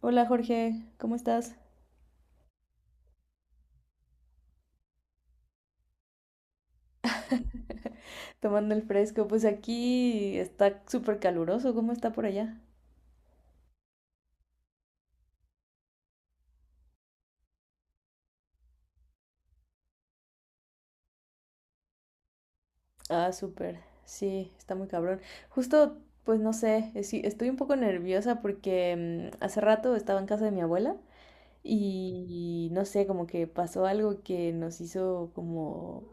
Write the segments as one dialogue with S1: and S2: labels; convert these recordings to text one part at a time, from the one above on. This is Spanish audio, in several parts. S1: Hola Jorge, ¿cómo estás? Tomando el fresco, pues aquí está súper caluroso, ¿cómo está por allá? Ah, súper, sí, está muy cabrón. Justo, pues no sé, sí, estoy un poco nerviosa porque hace rato estaba en casa de mi abuela y no sé, como que pasó algo que nos hizo como...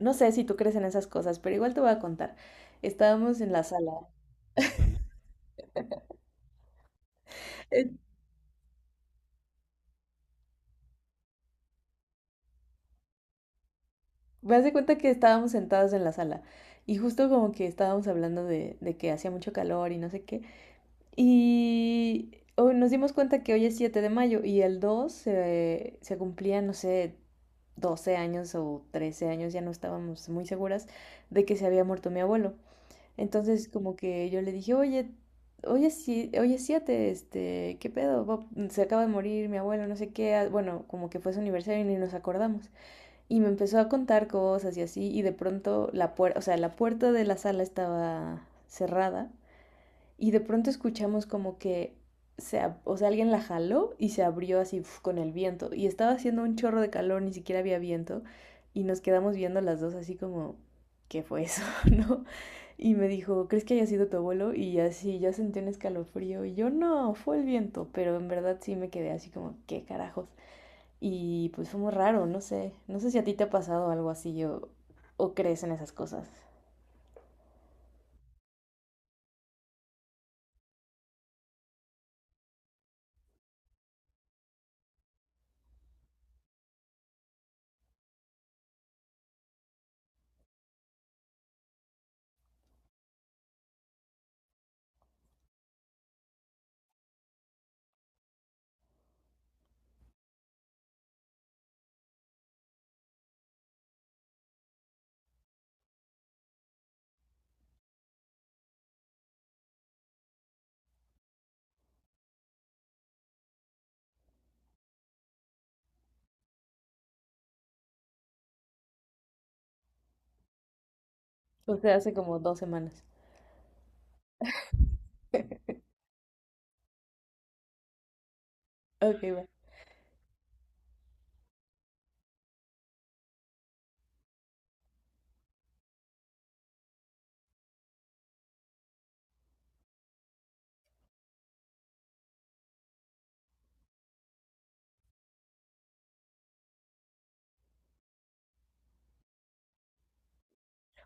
S1: No sé si tú crees en esas cosas, pero igual te voy a contar. Estábamos en la sala. Me hace cuenta que estábamos sentados en la sala y justo como que estábamos hablando de que hacía mucho calor y no sé qué. Y hoy nos dimos cuenta que hoy es 7 de mayo y el 2 se cumplía, no sé, 12 años o 13 años, ya no estábamos muy seguras de que se había muerto mi abuelo. Entonces como que yo le dije, oye, hoy es, si- hoy es 7, este, ¿qué pedo? ¿Bob? Se acaba de morir mi abuelo, no sé qué. Bueno, como que fue su aniversario y ni nos acordamos. Y me empezó a contar cosas y así, y de pronto la puerta, o sea, la puerta de la sala estaba cerrada, y de pronto escuchamos como que, o sea, alguien la jaló y se abrió así uf, con el viento, y estaba haciendo un chorro de calor, ni siquiera había viento, y nos quedamos viendo las dos así como, ¿qué fue eso? ¿No? Y me dijo, ¿crees que haya sido tu abuelo? Y así ya sentí un escalofrío, y yo no, fue el viento, pero en verdad sí me quedé así como, ¿qué carajos? Y pues fue muy raro, no sé. No sé si a ti te ha pasado algo así o crees en esas cosas. O sea, hace como dos semanas. Ok, va.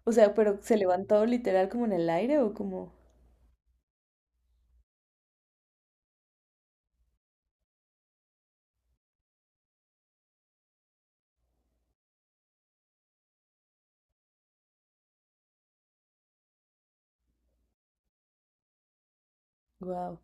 S1: O sea, pero se levantó literal como en el aire o como. Wow.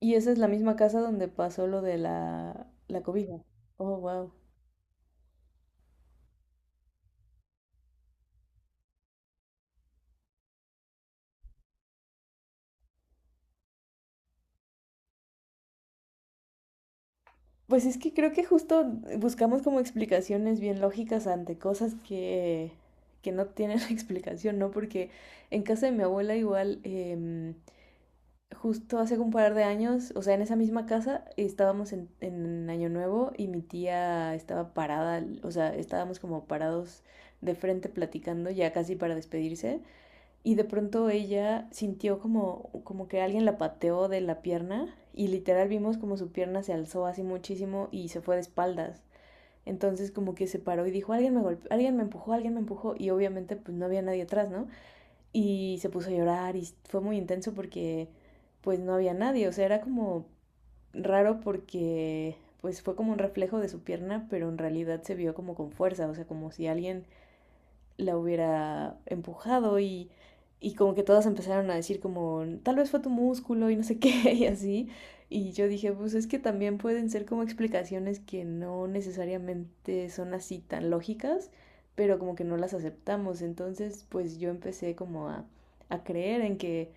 S1: Y esa es la misma casa donde pasó lo de la cobija. Oh, wow. Pues es que creo que justo buscamos como explicaciones bien lógicas ante cosas que no tienen explicación, ¿no? Porque en casa de mi abuela igual. Justo hace un par de años, o sea, en esa misma casa estábamos en Año Nuevo y mi tía estaba parada, o sea, estábamos como parados de frente platicando ya casi para despedirse y de pronto ella sintió como, como que alguien la pateó de la pierna y literal vimos como su pierna se alzó así muchísimo y se fue de espaldas. Entonces como que se paró y dijo, alguien me golpeó, alguien me empujó y obviamente pues no había nadie atrás, ¿no? Y se puso a llorar y fue muy intenso porque pues no había nadie, o sea, era como raro porque pues fue como un reflejo de su pierna, pero en realidad se vio como con fuerza, o sea, como si alguien la hubiera empujado y como que todas empezaron a decir como, tal vez fue tu músculo y no sé qué y así. Y yo dije, pues es que también pueden ser como explicaciones que no necesariamente son así tan lógicas, pero como que no las aceptamos. Entonces, pues yo empecé como a creer en que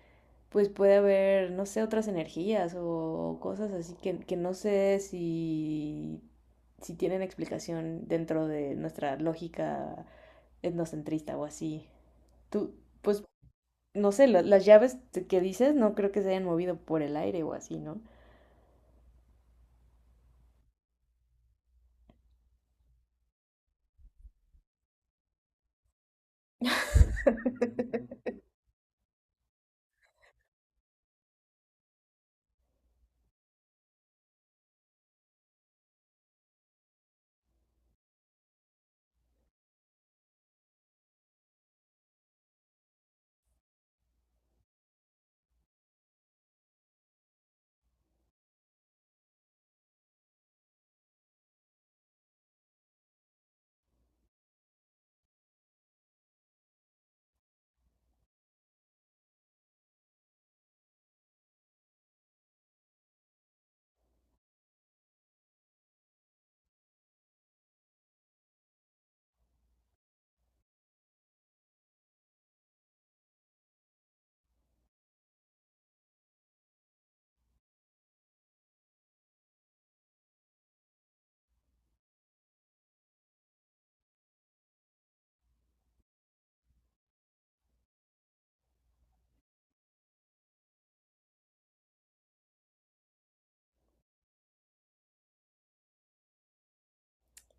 S1: pues puede haber, no sé, otras energías o cosas así que no sé si, si tienen explicación dentro de nuestra lógica etnocentrista o así. Tú, pues, no sé, las llaves que dices no creo que se hayan movido por el aire o así, ¿no?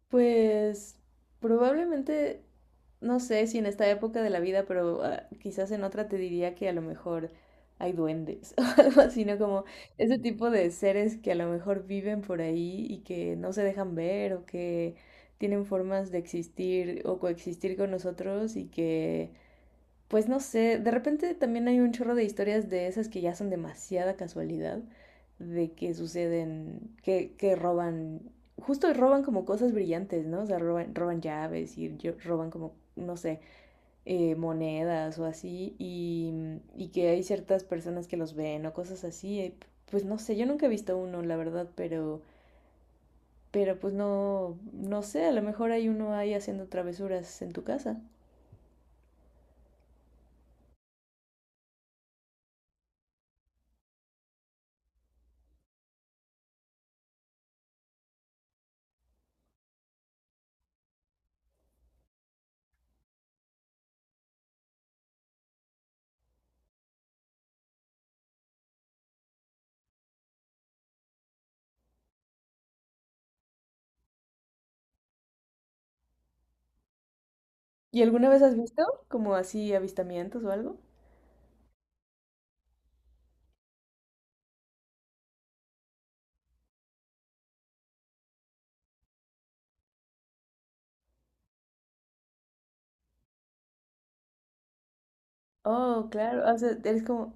S1: Pues probablemente, no sé si en esta época de la vida, pero quizás en otra te diría que a lo mejor hay duendes o algo así, ¿no? Como ese tipo de seres que a lo mejor viven por ahí y que no se dejan ver o que tienen formas de existir o coexistir con nosotros y que pues no sé, de repente también hay un chorro de historias de esas que ya son demasiada casualidad, de que suceden, que roban, justo roban como cosas brillantes, ¿no? O sea, roban, roban llaves y roban como, no sé, monedas o así, y que hay ciertas personas que los ven o cosas así. Pues no sé, yo nunca he visto uno, la verdad, pero pues no, no sé, a lo mejor hay uno ahí haciendo travesuras en tu casa. ¿Y alguna vez has visto como así avistamientos o algo? Oh, claro, o sea, eres como,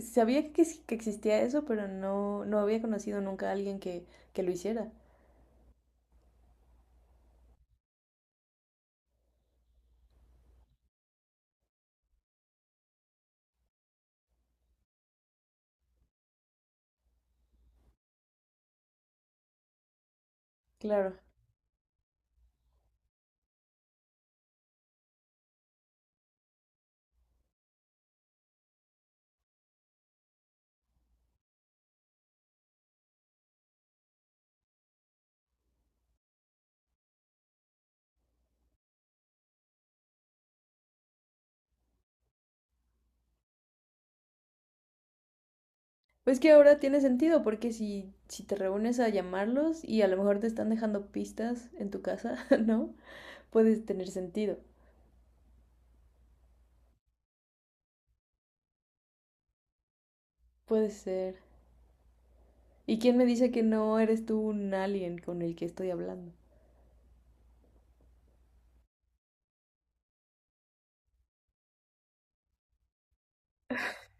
S1: sabía que, que existía eso, pero no, no había conocido nunca a alguien que lo hiciera. Claro. Pues que ahora tiene sentido, porque si, si te reúnes a llamarlos y a lo mejor te están dejando pistas en tu casa, ¿no? Puedes tener sentido. Puede ser. ¿Y quién me dice que no eres tú un alien con el que estoy hablando?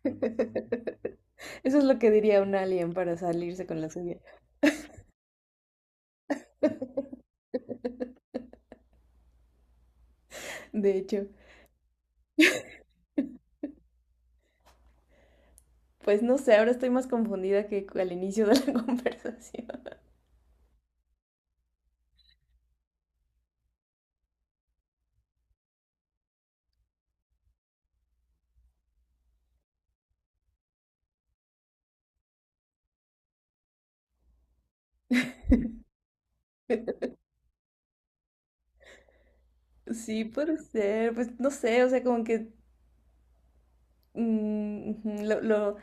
S1: Eso es lo que diría un alien para salirse con la suya. De hecho. Pues no sé, ahora estoy más confundida que al inicio de la conversación. Sí, puede ser, pues no sé, o sea, como que ujú,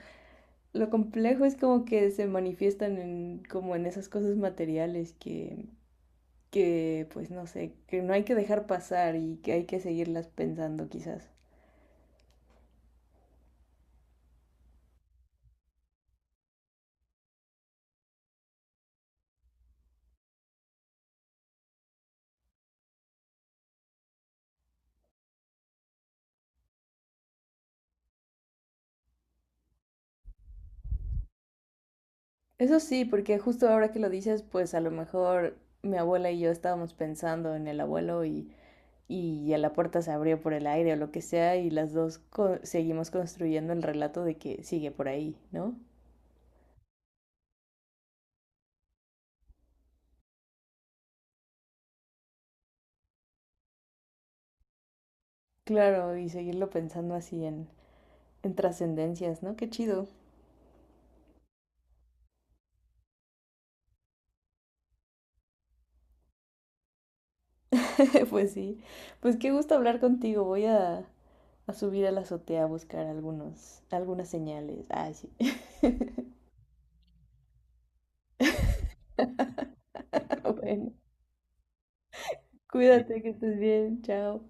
S1: lo complejo es como que se manifiestan en, como en esas cosas materiales que, pues no sé, que no hay que dejar pasar y que hay que seguirlas pensando quizás. Eso sí, porque justo ahora que lo dices, pues a lo mejor mi abuela y yo estábamos pensando en el abuelo y ya la puerta se abrió por el aire o lo que sea y las dos co seguimos construyendo el relato de que sigue por ahí, ¿no? Claro, y seguirlo pensando así en trascendencias, ¿no? Qué chido. Pues sí, pues qué gusto hablar contigo. A subir a la azotea a buscar algunos, algunas señales. Ah, sí. Bueno, cuídate, que estés bien. Chao.